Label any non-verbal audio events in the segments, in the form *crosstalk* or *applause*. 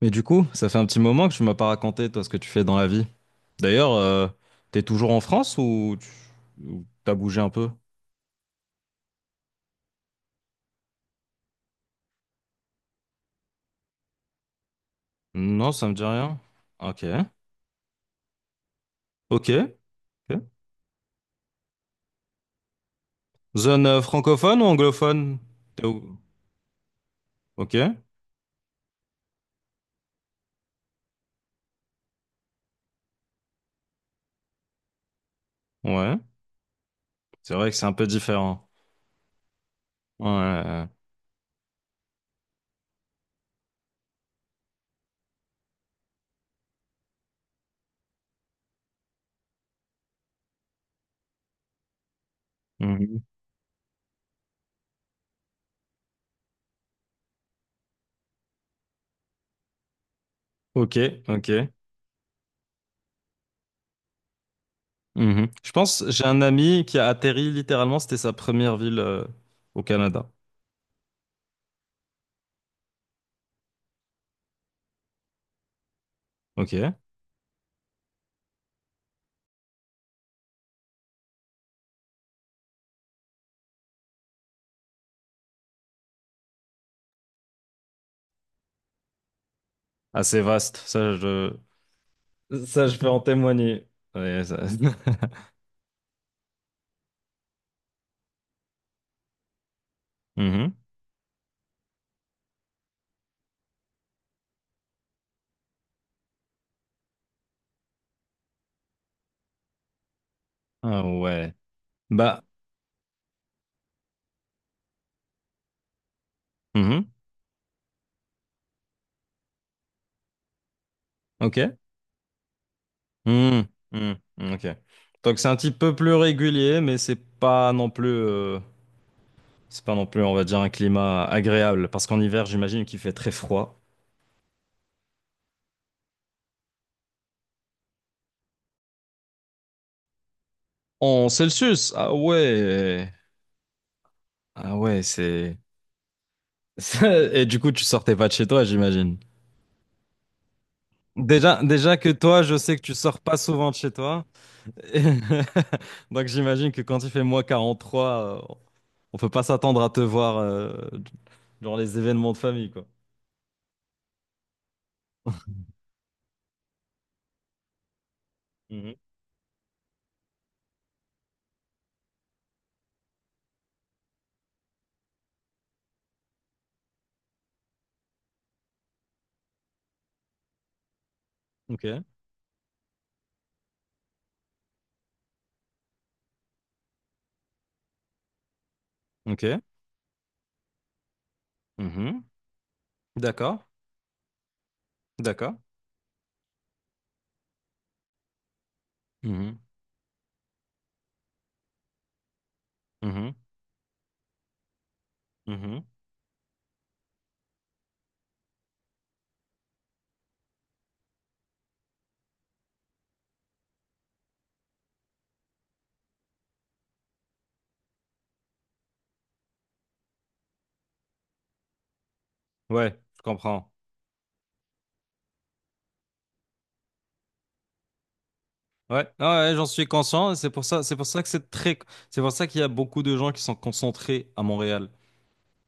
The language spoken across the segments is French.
Mais du coup, ça fait un petit moment que tu m'as pas raconté, toi, ce que tu fais dans la vie. D'ailleurs, t'es toujours en France ou ou t'as bougé un peu? Non, ça me dit rien. Ok. Ok. Ok. Zone francophone ou anglophone? T'es où? Ok. Ouais. C'est vrai que c'est un peu différent. Ouais, ouais, ouais. Mhm. Ok. Ok. Mhm. Je pense, j'ai un ami qui a atterri littéralement, c'était sa première ville au Canada. Ok. Assez vaste. Ça, je... Ça, je peux en témoigner. Ouais, *laughs* Mhm. Ah ouais. Bah, mhm. Ok. Mhm. Mhm. Ok. Donc c'est un petit peu plus régulier, mais c'est pas non plus, on va dire, un climat agréable. Parce qu'en hiver, j'imagine qu'il fait très froid. En Celsius, ah ouais. Ah ouais, c'est... *laughs* Et du coup, tu sortais pas de chez toi, j'imagine. Déjà que toi, je sais que tu sors pas souvent de chez toi. *laughs* Donc j'imagine que quand il fait -43. On peut pas s'attendre à te voir dans les événements de famille, quoi. *laughs* Mhm. Ok, ok. Mhm. D'accord, d'accord. Mhm. Mhm. Mhm. Ouais, je comprends. Ouais, ah ouais, j'en suis conscient. C'est pour ça que c'est très... c'est pour ça qu'il y a beaucoup de gens qui sont concentrés à Montréal.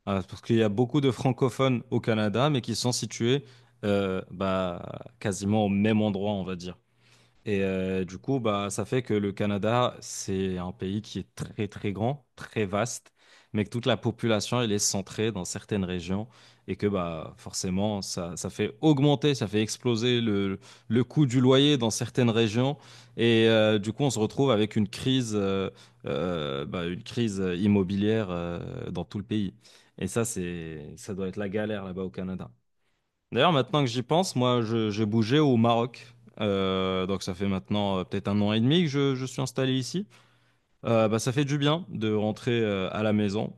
Ah, parce qu'il y a beaucoup de francophones au Canada, mais qui sont situés, bah, quasiment au même endroit, on va dire. Et du coup, bah, ça fait que le Canada, c'est un pays qui est très, très grand, très vaste, mais que toute la population, elle est centrée dans certaines régions et que bah, forcément, ça fait augmenter, ça fait exploser le coût du loyer dans certaines régions. Et du coup, on se retrouve avec une crise, bah, une crise immobilière dans tout le pays. Et ça, ça doit être la galère là-bas au Canada. D'ailleurs, maintenant que j'y pense, moi, j'ai bougé au Maroc. Donc ça fait maintenant peut-être 1 an et demi que je suis installé ici. Bah, ça fait du bien de rentrer à la maison.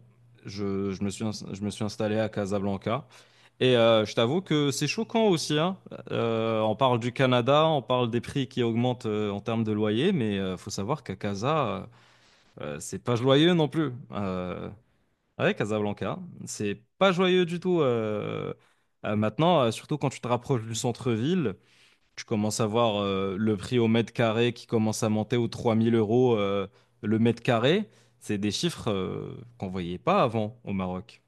Je me suis installé à Casablanca. Et je t'avoue que c'est choquant aussi, hein. On parle du Canada, on parle des prix qui augmentent en termes de loyer, mais faut savoir qu'à Casa, C'est pas joyeux non plus. Ouais, Casablanca, c'est pas joyeux du tout maintenant, surtout quand tu te rapproches du centre-ville, tu commences à voir le prix au mètre carré qui commence à monter aux 3 000 euros le mètre carré. C'est des chiffres qu'on voyait pas avant au Maroc.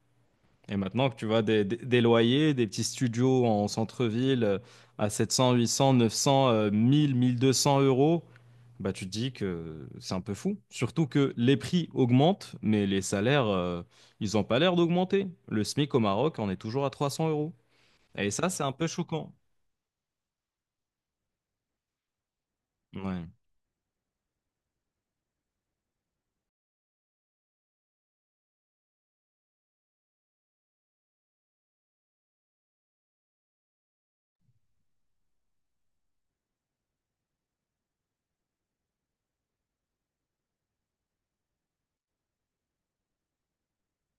Et maintenant que tu vois des loyers, des petits studios en centre-ville à 700, 800, 900, 1000, 1200 euros, bah tu te dis que c'est un peu fou. Surtout que les prix augmentent, mais les salaires, ils n'ont pas l'air d'augmenter. Le SMIC au Maroc, on est toujours à 300 euros. Et ça, c'est un peu choquant. Ouais.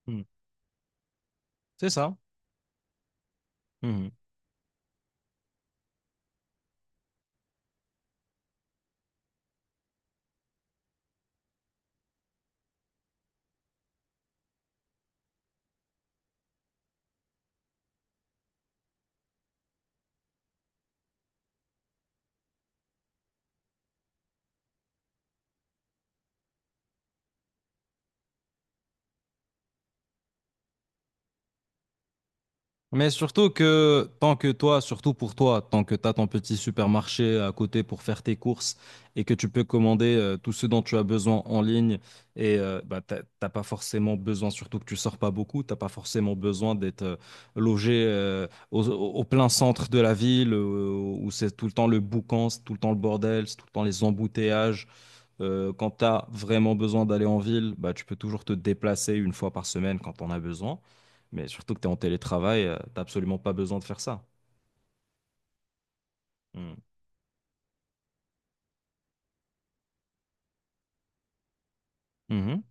Mm. C'est ça. Mais surtout que tant que toi, surtout pour toi, tant que tu as ton petit supermarché à côté pour faire tes courses et que tu peux commander tout ce dont tu as besoin en ligne et bah, t'as pas forcément besoin, surtout que tu sors pas beaucoup, t'as pas forcément besoin d'être logé au plein centre quand tu as vraiment besoin d'aller en ville, bah, tu peux toujours te déplacer une fois par semaine quand on a besoin. Mais surtout que tu es en télétravail, tu n'as absolument pas besoin de faire ça. Mm. Mhm.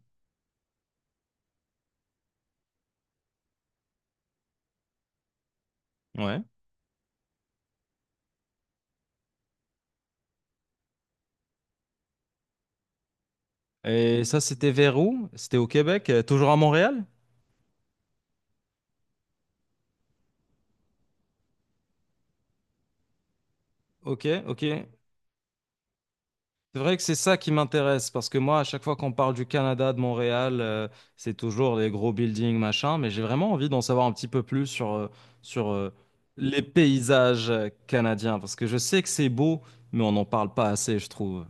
Ouais. Et ça, c'était vers où? C'était au Québec, toujours à Montréal? Ok, ok. C'est vrai que c'est ça qui m'intéresse, parce que moi, à chaque fois qu'on parle du Canada, de Montréal, c'est toujours les gros buildings, machin, mais j'ai vraiment envie d'en savoir un petit peu plus sur les paysages canadiens, parce que je sais que c'est beau, mais on n'en parle pas assez, je trouve.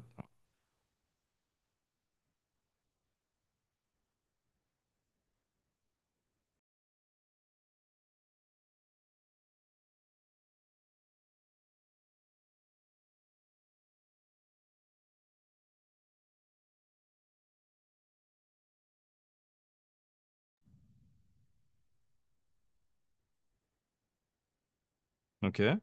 Ok.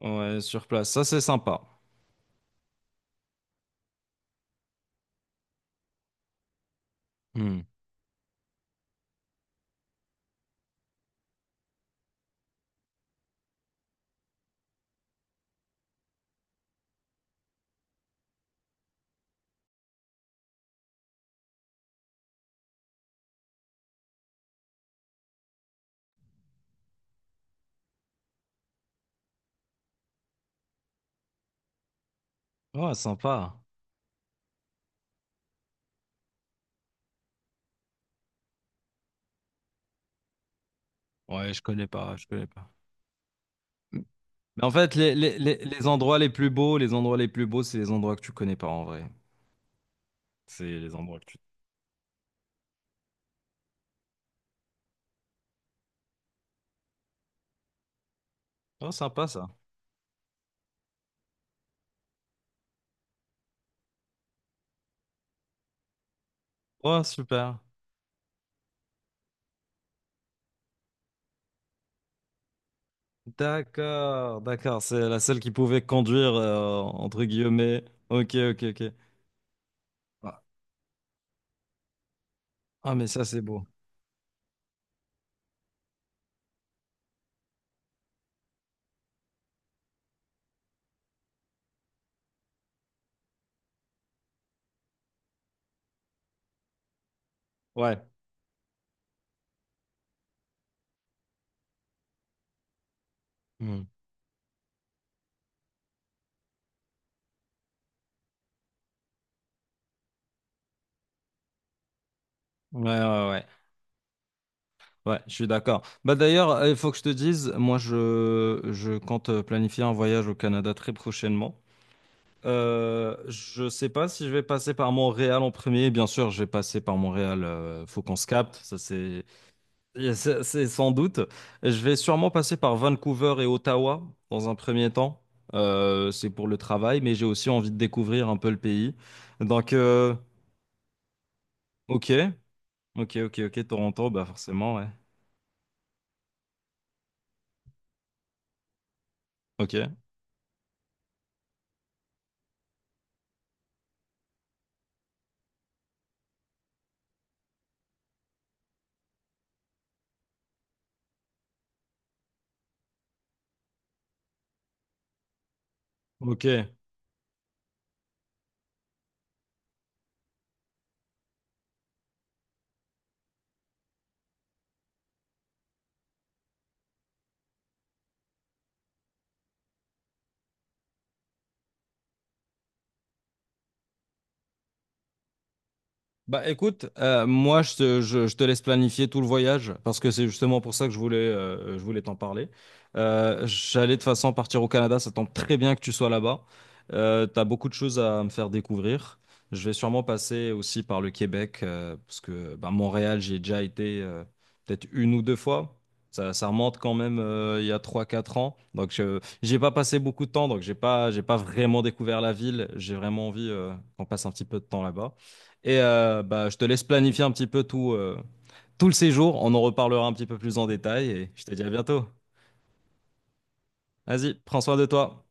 Ouais, sur place, ça c'est sympa. Hmm. Ouais, sympa. Ouais, je connais pas, je connais pas. Mais en fait, les endroits les plus beaux, les endroits les plus beaux, c'est les endroits que tu connais pas en vrai. C'est les endroits que tu... Oh, sympa ça. Oh, super. D'accord, d'accord. C'est la seule qui pouvait conduire, entre guillemets. Ok, ok, ok. Ah, ah, mais ça, c'est beau. Ouais. Hmm. Ouais, ouais, ouais. Ouais, je suis d'accord. Bah d'ailleurs, il faut que je te dise, moi, je compte planifier un voyage au Canada très prochainement. Je sais pas si je vais passer par Montréal en premier. Bien sûr, je vais passer par Montréal. Faut qu'on se capte. Ça, c'est... Et c'est sans doute. Je vais sûrement passer par Vancouver et Ottawa dans un premier temps. C'est pour le travail, mais j'ai aussi envie de découvrir un peu le pays. Donc, ok, ok, ok, ok, Toronto, bah forcément, ouais. Ok, ok. Bah écoute, moi je te laisse planifier tout le voyage parce que c'est justement pour ça que je voulais t'en parler. J'allais de toute façon partir au Canada, ça tombe très bien que tu sois là-bas. T'as beaucoup de choses à me faire découvrir. Je vais sûrement passer aussi par le Québec parce que bah, Montréal, j'ai déjà été peut-être une ou deux fois. Ça remonte quand même il y a trois quatre ans. Donc j'ai pas passé beaucoup de temps, donc j'ai pas vraiment découvert la ville. J'ai vraiment envie qu'on passe un petit peu de temps là-bas. Et bah, je te laisse planifier un petit peu tout le séjour. On en reparlera un petit peu plus en détail et je te dis à bientôt. Vas-y, prends soin de toi.